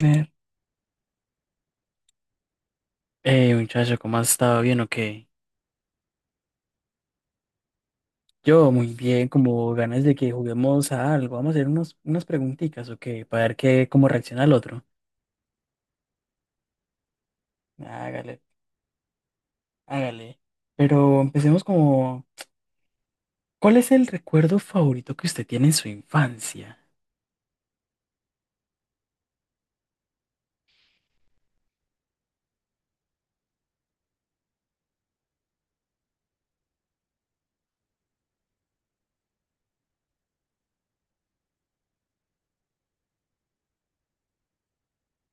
Ver. Hey, muchacho, ¿cómo has estado? ¿Bien o qué? Yo muy bien, como ganas de que juguemos a algo. Vamos a hacer unas preguntitas, ¿o qué? Para ver cómo reacciona el otro. Hágale, hágale. Pero ¿cuál es el recuerdo favorito que usted tiene en su infancia?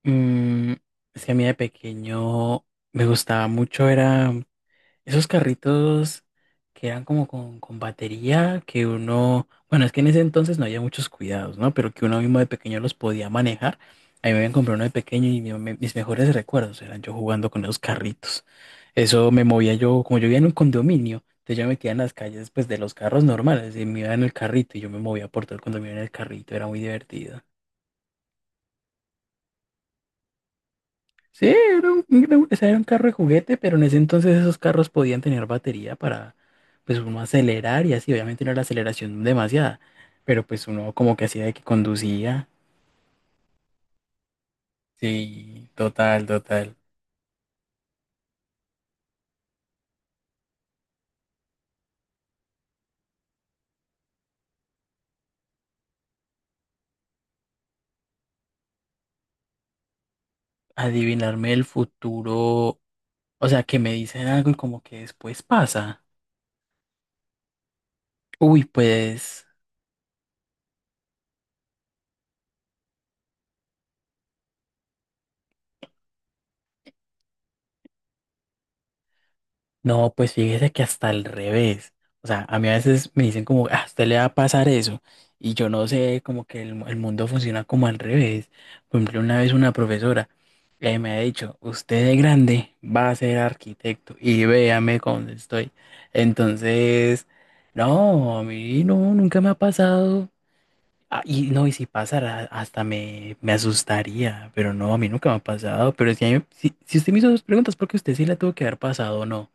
Mm, es que a mí de pequeño me gustaba mucho, era esos carritos que eran como con batería, que uno, bueno, es que en ese entonces no había muchos cuidados, ¿no? Pero que uno mismo de pequeño los podía manejar. A mí me habían comprado uno de pequeño y mis mejores recuerdos eran yo jugando con esos carritos. Eso me movía yo, como yo vivía en un condominio, entonces yo me metía en las calles pues de los carros normales y me iba en el carrito y yo me movía por todo el condominio en el carrito, era muy divertido. Sí, o sea, era un carro de juguete, pero en ese entonces esos carros podían tener batería para, pues, uno acelerar y así. Obviamente no era la aceleración demasiada, pero pues uno como que hacía de que conducía. Sí, total, total. Adivinarme el futuro, o sea, que me dicen algo y como que después pasa. Uy, pues. No, pues fíjese que hasta al revés. O sea, a mí a veces me dicen como, ah, a usted le va a pasar eso. Y yo no sé, como que el mundo funciona como al revés. Por ejemplo, una vez una profesora me ha dicho, usted de grande va a ser arquitecto y véame cómo estoy. Entonces, no, a mí no, nunca me ha pasado. Ah, y no, y si pasara, me asustaría. Pero no, a mí nunca me ha pasado. Pero si, si, si usted me hizo dos preguntas, porque usted sí la tuvo que haber pasado o no.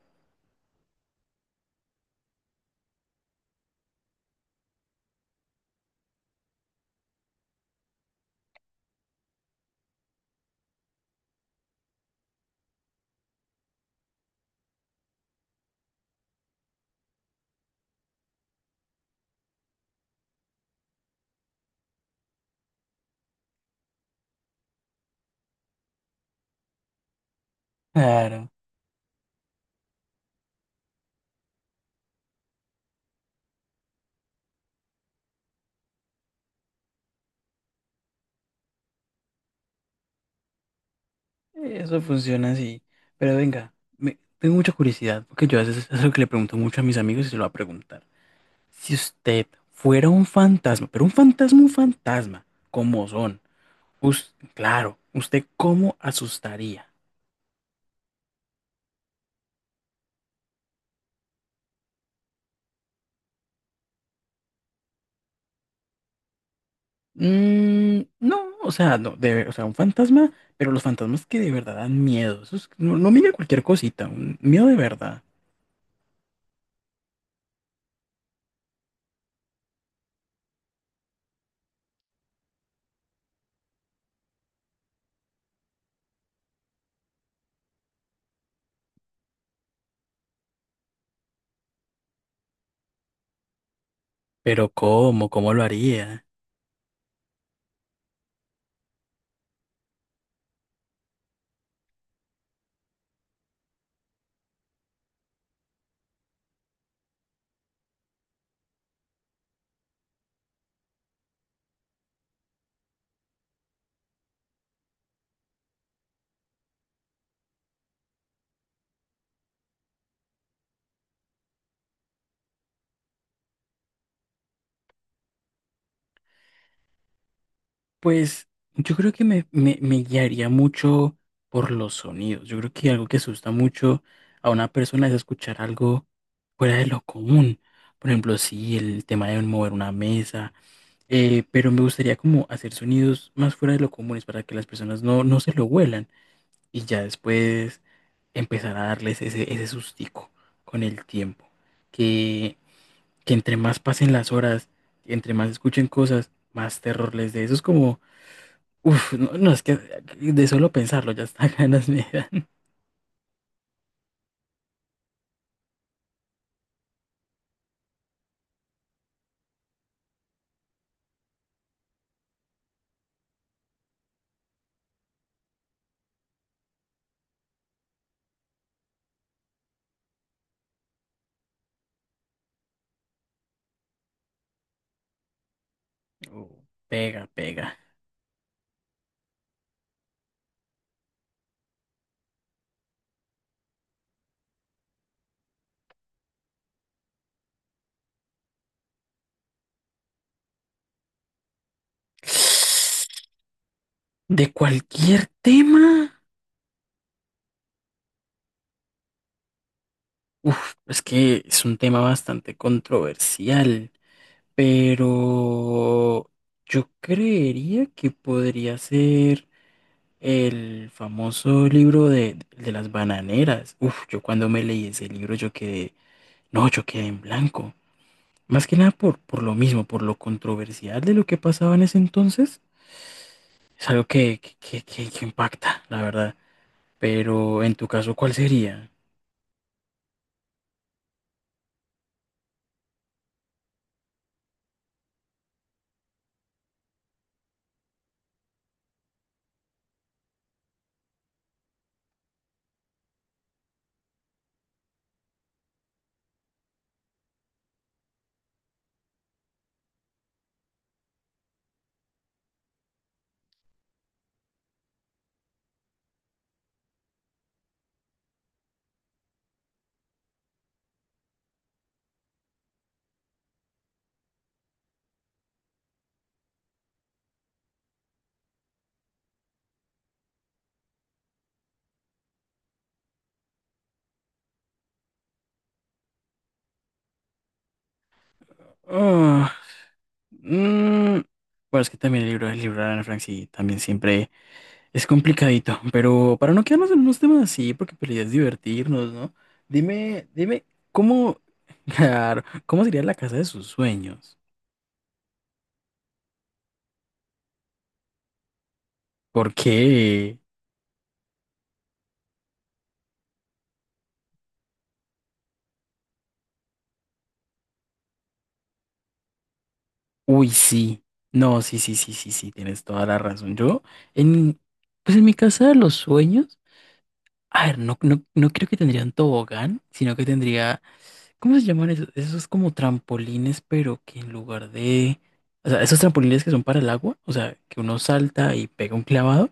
Claro, eso funciona así. Pero venga, tengo mucha curiosidad, porque yo a veces es algo que le pregunto mucho a mis amigos y se lo voy a preguntar. Si usted fuera un fantasma, pero un fantasma, como son? Claro, ¿usted cómo asustaría? No, o sea, no, o sea, un fantasma, pero los fantasmas que de verdad dan miedo. No, no mira cualquier cosita, un miedo de verdad. Pero ¿cómo? ¿Cómo lo haría? Pues yo creo que me guiaría mucho por los sonidos. Yo creo que algo que asusta mucho a una persona es escuchar algo fuera de lo común. Por ejemplo, sí, el tema de mover una mesa, pero me gustaría como hacer sonidos más fuera de lo comunes para que las personas no se lo huelan y ya después empezar a darles ese sustico con el tiempo. Que, que entre más pasen las horas, entre más escuchen cosas, más terror les dé. Eso es como uf, no, no, es que de solo pensarlo ya está ganas me dan. Oh. Pega, pega. De cualquier tema. Uf, es que es un tema bastante controversial, pero yo creería que podría ser el famoso libro de las bananeras. Uf, yo cuando me leí ese libro yo quedé, no, yo quedé en blanco. Más que nada por lo mismo, por lo controversial de lo que pasaba en ese entonces. Es algo que impacta, la verdad. Pero en tu caso, ¿cuál sería? Ah, mm, bueno, es que también el libro de Ana Frank sí, también siempre es complicadito. Pero para no quedarnos en unos temas así, porque pues, la idea es divertirnos, ¿no? Dime, dime, ¿cómo, claro, cómo sería la casa de sus sueños? Porque, uy, sí. No, sí, sí, sí, sí, sí, tienes toda la razón. Yo, en, pues en mi casa de los sueños. A ver, no creo que tendría un tobogán, sino que tendría, ¿cómo se llaman esos? Esos como trampolines, pero que en lugar de, o sea, esos trampolines que son para el agua, o sea, que uno salta y pega un clavado,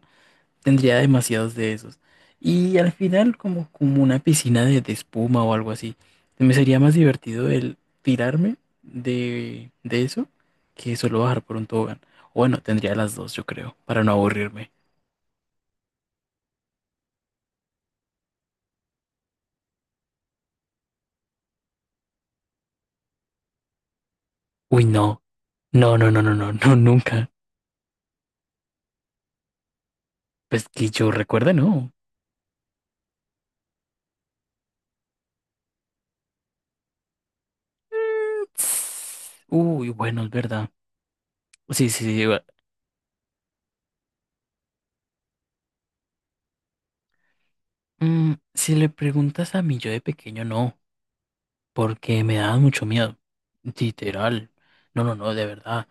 tendría demasiados de esos. Y al final como, como una piscina de espuma o algo así. Me sería más divertido el tirarme de eso que solo bajar por un tobogán. O bueno, tendría las dos, yo creo, para no aburrirme. Uy, no, no, no, no, no, no, no, nunca. Pues que yo recuerde, no. Uy, bueno, es verdad. Sí, sí, sí. Mm, si le preguntas a mí yo de pequeño, no, porque me daban mucho miedo. Literal. No, no, no, de verdad.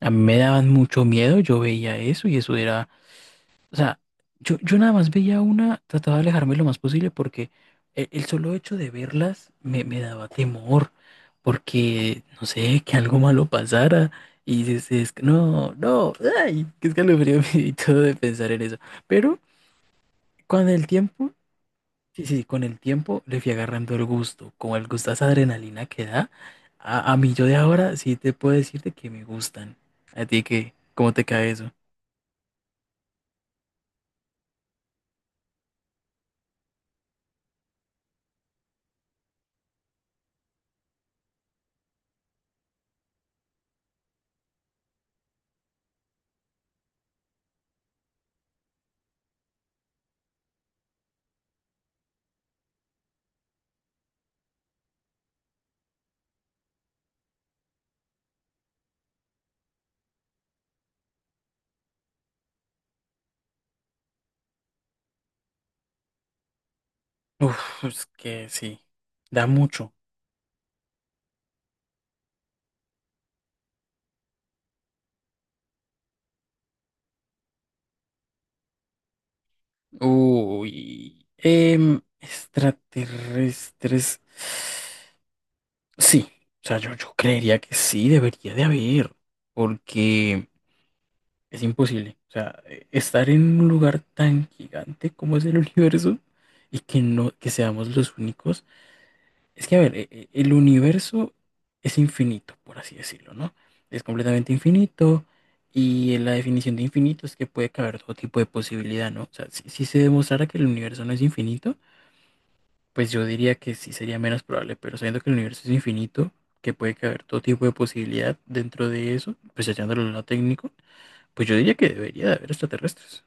A mí me daban mucho miedo, yo veía eso y eso era... O sea, yo nada más veía una, trataba de alejarme lo más posible porque solo hecho de verlas me daba temor, porque, no sé, que algo malo pasara. Y dices, es que no, no, ay, qué escalofrío y todo de pensar en eso. Pero con el tiempo, sí, sí, con el tiempo le fui agarrando el gusto, como el gusto a esa adrenalina que da. A mí yo de ahora sí te puedo decirte que me gustan. ¿A ti qué? ¿Cómo te cae eso? Uf, es que sí, da mucho. Uy, em, extraterrestres. Sí, o sea, yo creería que sí, debería de haber, porque es imposible. O sea, estar en un lugar tan gigante como es el universo y que no, que seamos los únicos. Es que, a ver, el universo es infinito, por así decirlo, ¿no? Es completamente infinito. Y la definición de infinito es que puede caber todo tipo de posibilidad, ¿no? O sea, si se demostrara que el universo no es infinito, pues yo diría que sí sería menos probable, pero sabiendo que el universo es infinito, que puede caber todo tipo de posibilidad dentro de eso, pues echándolo al lado técnico, pues yo diría que debería de haber extraterrestres.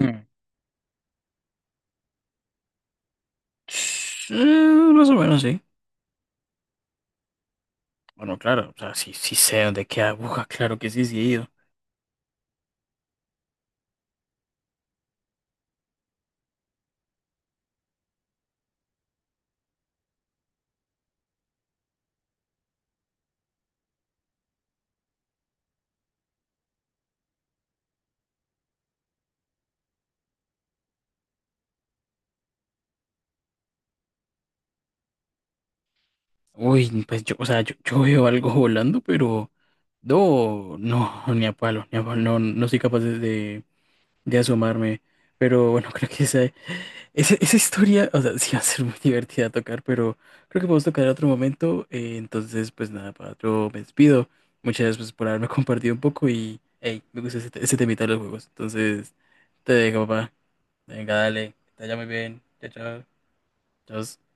Mm. Sí, más o menos, sí. Bueno, claro, o sea, sí, sí sé dónde queda aguja, claro que sí, sí he ido. Uy, pues yo, o sea, yo veo algo volando, pero no, no, ni a palo, ni a palo, no, no soy capaz de de asomarme. Pero bueno, creo que esa historia, o sea, sí va a ser muy divertida tocar, pero creo que podemos tocar en otro momento. Entonces, pues nada, para yo me despido. Muchas gracias pues, por haberme compartido un poco y, hey, me gusta ese temita de los juegos. Entonces, te dejo, papá. Venga, dale, que te vaya muy bien. Chao, chao. Chao.